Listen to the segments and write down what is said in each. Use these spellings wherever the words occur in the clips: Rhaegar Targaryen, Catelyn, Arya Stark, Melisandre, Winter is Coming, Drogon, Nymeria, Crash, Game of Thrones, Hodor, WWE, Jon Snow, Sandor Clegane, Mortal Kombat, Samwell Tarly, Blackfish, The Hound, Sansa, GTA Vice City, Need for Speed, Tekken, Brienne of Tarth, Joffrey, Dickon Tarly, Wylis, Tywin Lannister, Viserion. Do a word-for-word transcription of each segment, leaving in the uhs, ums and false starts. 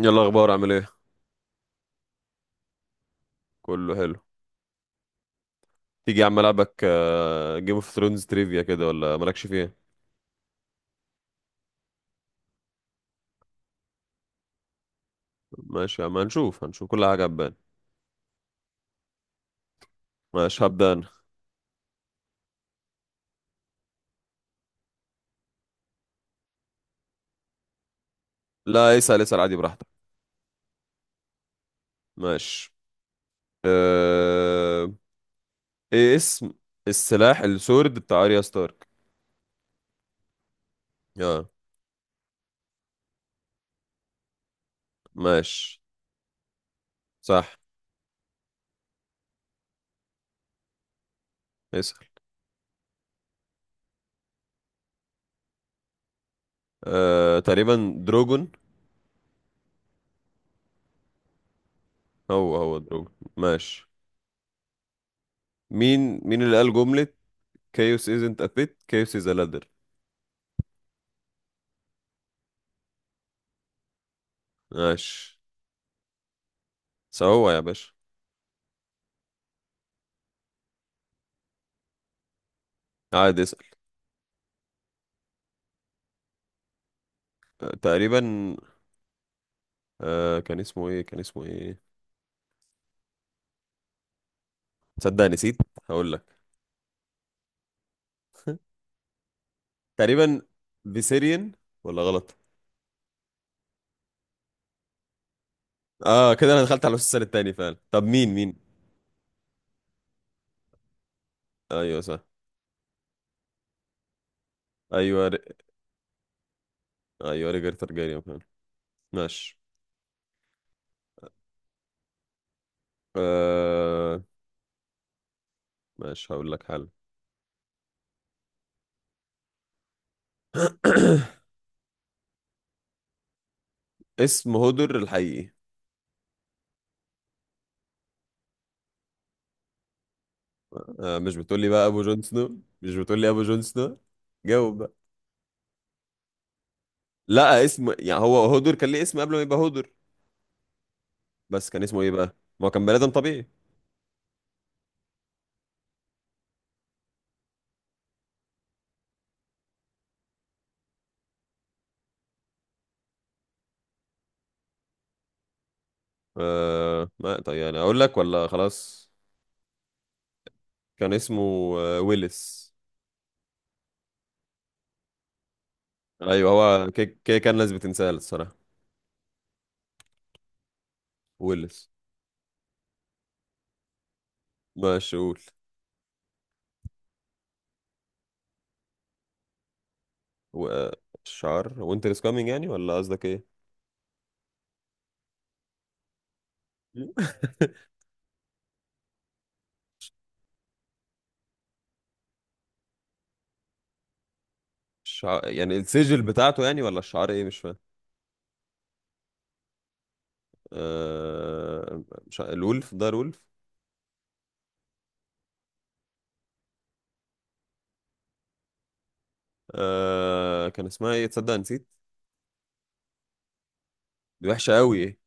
يلا اخبار، عامل ايه؟ كله حلو. تيجي يا عم العبك؟ جيم اوف ثرونز تريفيا كده، ولا مالكش فيه؟ ماشي يا عم، هنشوف هنشوف كل حاجه هتبان. ماشي هبدا انا. لا اسال، اسال عادي براحتك. ماشي. أه... ايه اسم السلاح، السورد بتاع اريا ستارك؟ اه. ماشي. صح. اسال. أه... تقريبا دروجون. هو هو دروجون، ماشي. مين مين اللي قال جمله chaos isn't a pit chaos is a ladder؟ ماشي. سوا يا باشا. عادي اسال. آه، تقريبا. آه، كان اسمه ايه؟ كان اسمه ايه تصدق نسيت. هقول لك. تقريبا، فيسيريان، ولا غلط؟ اه كده انا دخلت على السيزون التاني فعلا. طب مين مين ايوه صح. ايوه ر... ايوه ريجر تارجاريان فعلا. ماشي. آه. ماشي، هقول لك حل. اسم هودر الحقيقي. آه مش بتقول لي بقى ابو جون سنو، مش بتقول لي ابو جون سنو؟ جاوب بقى. لا، اسم يعني، هو هودر كان ليه اسم قبل ما يبقى هودر، بس كان اسمه ايه بقى؟ ما هو كان بني ادم طبيعي. آه ما طيب، يعني اقول لك ولا خلاص؟ كان اسمه آه ويلس. ايوه هو كده كده كان ناس بتنساه الصراحه. ويلس. ماشي، قول. و- آه، الشعار وينتر از كامينج يعني، ولا قصدك ايه؟ الشعار يعني السجل بتاعته، يعني ولا الشعار ايه؟ مش فاهم. آه مش ع- الولف، ده الولف. آه كان اسمها ايه؟ تصدق نسيت. دي وحشه قوي إيه.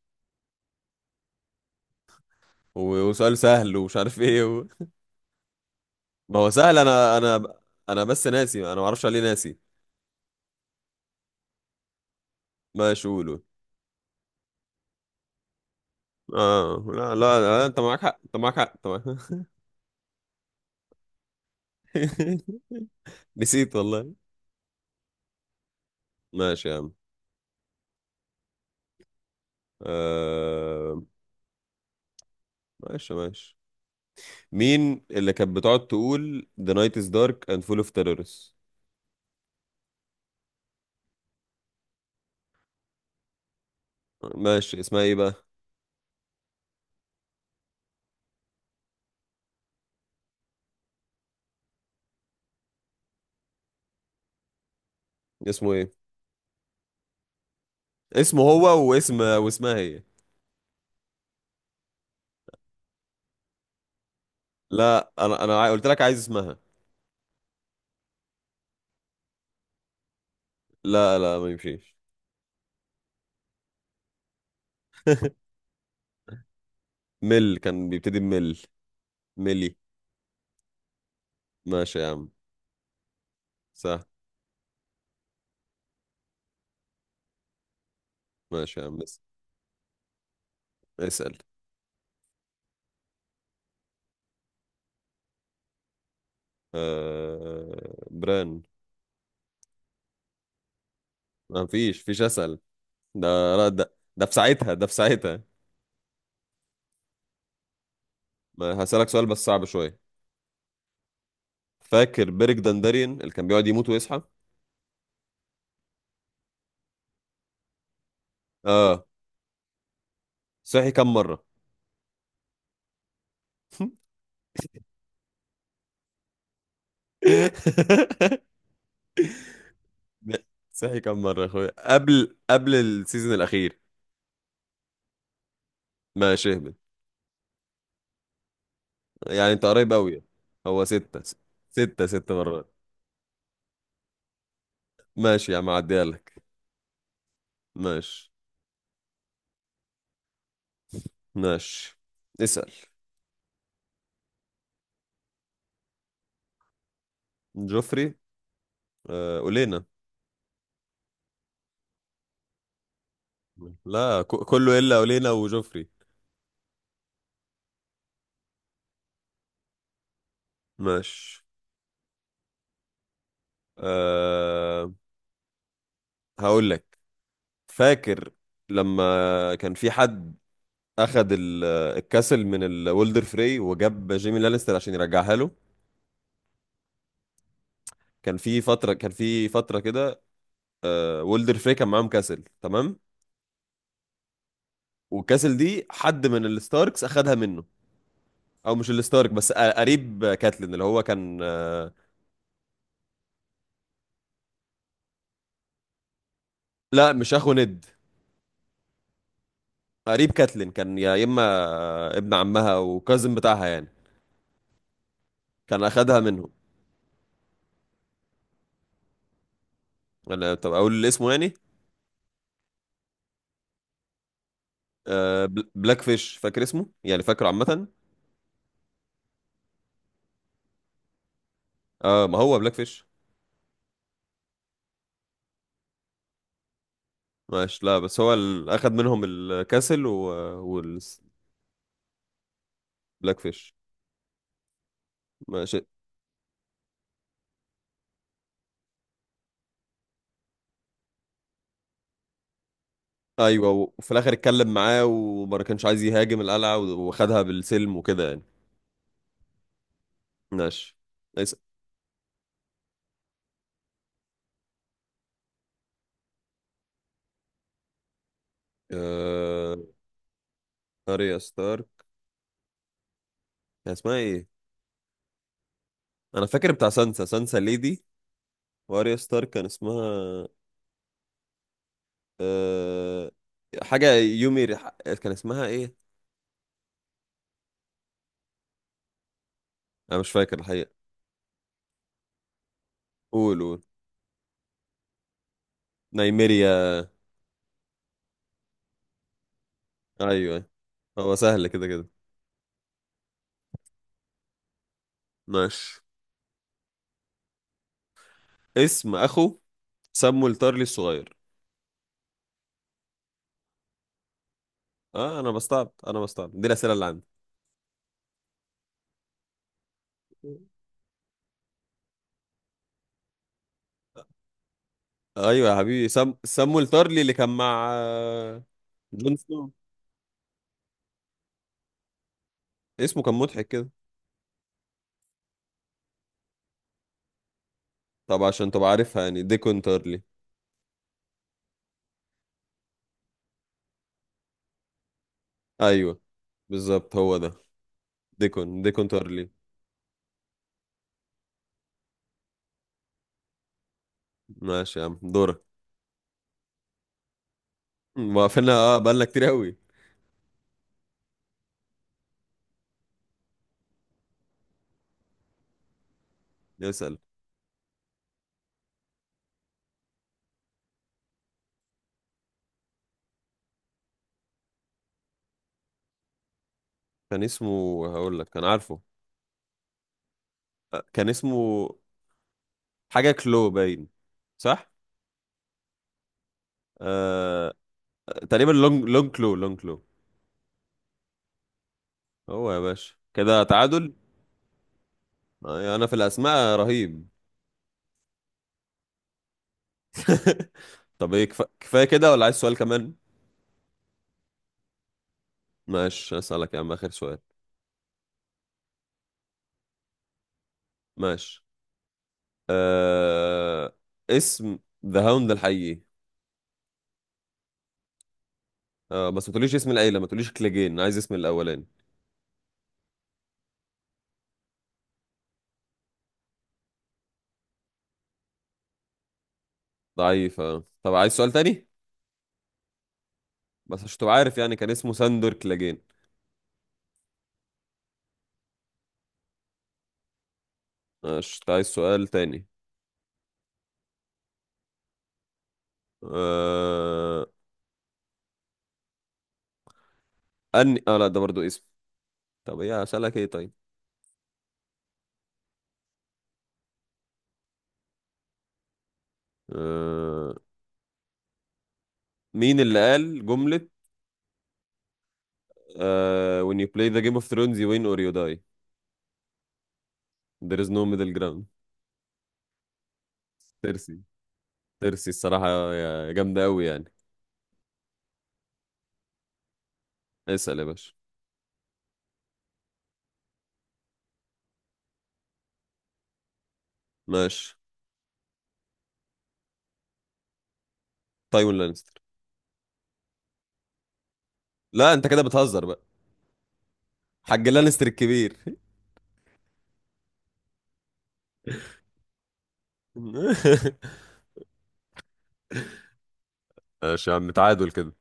و- وسؤال سهل ومش عارف، ايه و... ما هو سهل، انا انا انا بس ناسي، انا ما اعرفش عليه، ناسي. ماشي، قول قول. اه لا لا لا، انت معاك حق، انت معاك حق انت معاك حق. نسيت والله. ماشي يا عم. آه... ماشي ماشي مين اللي كانت بتقعد تقول The night is dark and full of terrorists؟ ماشي، اسمها ايه بقى؟ اسمه ايه؟ اسمه هو، واسم واسمها هي. لا انا انا عاي- قلت لك عايز اسمها. لا لا، ما يمشيش. مل، كان بيبتدي بمل. ملي. ماشي يا عم. سهل. ماشي يا عم اس- اسأل. آه... بران. ما فيش فيش اسأل. ده لا ده ده في ساعتها، ده في ساعتها ما هسألك سؤال بس صعب شوية. فاكر بيرك دنداريان اللي كان بيقعد يموت ويصحى؟ اه. صحي كم مرة؟ صحي كم مرة يا اخويا، قبل قبل السيزون الأخير؟ ماشي، اهبط. يعني انت قريب قوي. هو ستة. ستة، ست مرات. ماشي يا عم، عديها لك. ماشي. ماشي، اسأل. جوفري. آه أولينا. لا ك- كله إلا أولينا وجوفري. ماشي. آه، هقول لك. فاكر لما كان في حد اخذ ال- الكاسل من الولدر فري، وجاب جيمي لانستر عشان يرجعها له؟ كان في فتره كان في فتره كده. آه، وولدر فري كان معاهم كاسل، تمام. والكاسل دي حد من الستاركس اخذها منه. او مش الستارك، بس ق- قريب كاتلين، اللي هو كان آه، لا مش اخو ند. قريب كاتلين، كان يا اما آه، ابن عمها او كازن بتاعها يعني. كان اخذها منه. انا طب اقول اسمه يعني؟ آه، بل- بلاك فيش، فاكر اسمه يعني، فاكره عامه. اه ما هو بلاك فيش. ماشي. لا بس هو ال... اخد منهم الكاسل و... والبلاك فيش. ماشي. ايوه، وفي الاخر اتكلم معاه وما كانش عايز يهاجم القلعه، و- وخدها بالسلم وكده يعني. ماشي. نايس. آه... اريا ستار، كان اسمها ايه؟ انا فاكر بتاع سانسا، سانسا ليدي. واريا ستار كان اسمها آه... حاجه يومي رح... كان اسمها ايه؟ انا مش فاكر الحقيقه. قول قول نايميريا. ايوه. هو سهل كده كده. ماشي. اسم اخو سمو الطرلي الصغير. اه انا بستعب، انا بستعب دي الاسئله اللي عندي. ايوه يا حبيبي، سم... سمو الطرلي اللي كان مع آه، جون سنو. اسمه كان مضحك كده. طب عشان تبقى عارفها، يعني ديكون تارلي. ايوه بالظبط، هو ده. ديكون، ديكون تارلي. ماشي يا عم، دورك. ما قفلنا اه، بقالنا كتير قوي. نسأل. كان اسمه، هقول لك، كان عارفه. آه، كان اسمه حاجه كلو باين. صح. آه... تقريبا لونج لونج كلو لونج كلو. هو يا باشا كده تعادل. آه، انا في الاسماء رهيب. طب ايه، كفا... كفايه كده ولا عايز سؤال كمان؟ ماشي، اسالك يا عم اخر سؤال. ماشي. آه... اسم ذا هاوند الحقيقي. آه بس ما تقوليش اسم العيله، ما تقوليش كليجين، أنا عايز اسم الاولاني. ضعيف آه. طب عايز سؤال تاني؟ بس عشان تبقى عارف، يعني كان اسمه ساندور كليجين. ماشي. أنت عايز سؤال تاني؟ آه... أني... اه لا ده برضو اسم. طب ايه اسالك، ايه طيب؟ آه... مين اللي قال جمله Uh, when you play the Game of Thrones, you win or you die. There is no middle ground؟ تيرسي. تيرسي الصراحة. يا، جامدة أوي يعني. اسأل يا باشا. ماشي. تايوين لانستر. لا أنت كده بتهزر بقى. حاج لانستر الكبير. ماشي يا عم، تعادل كده.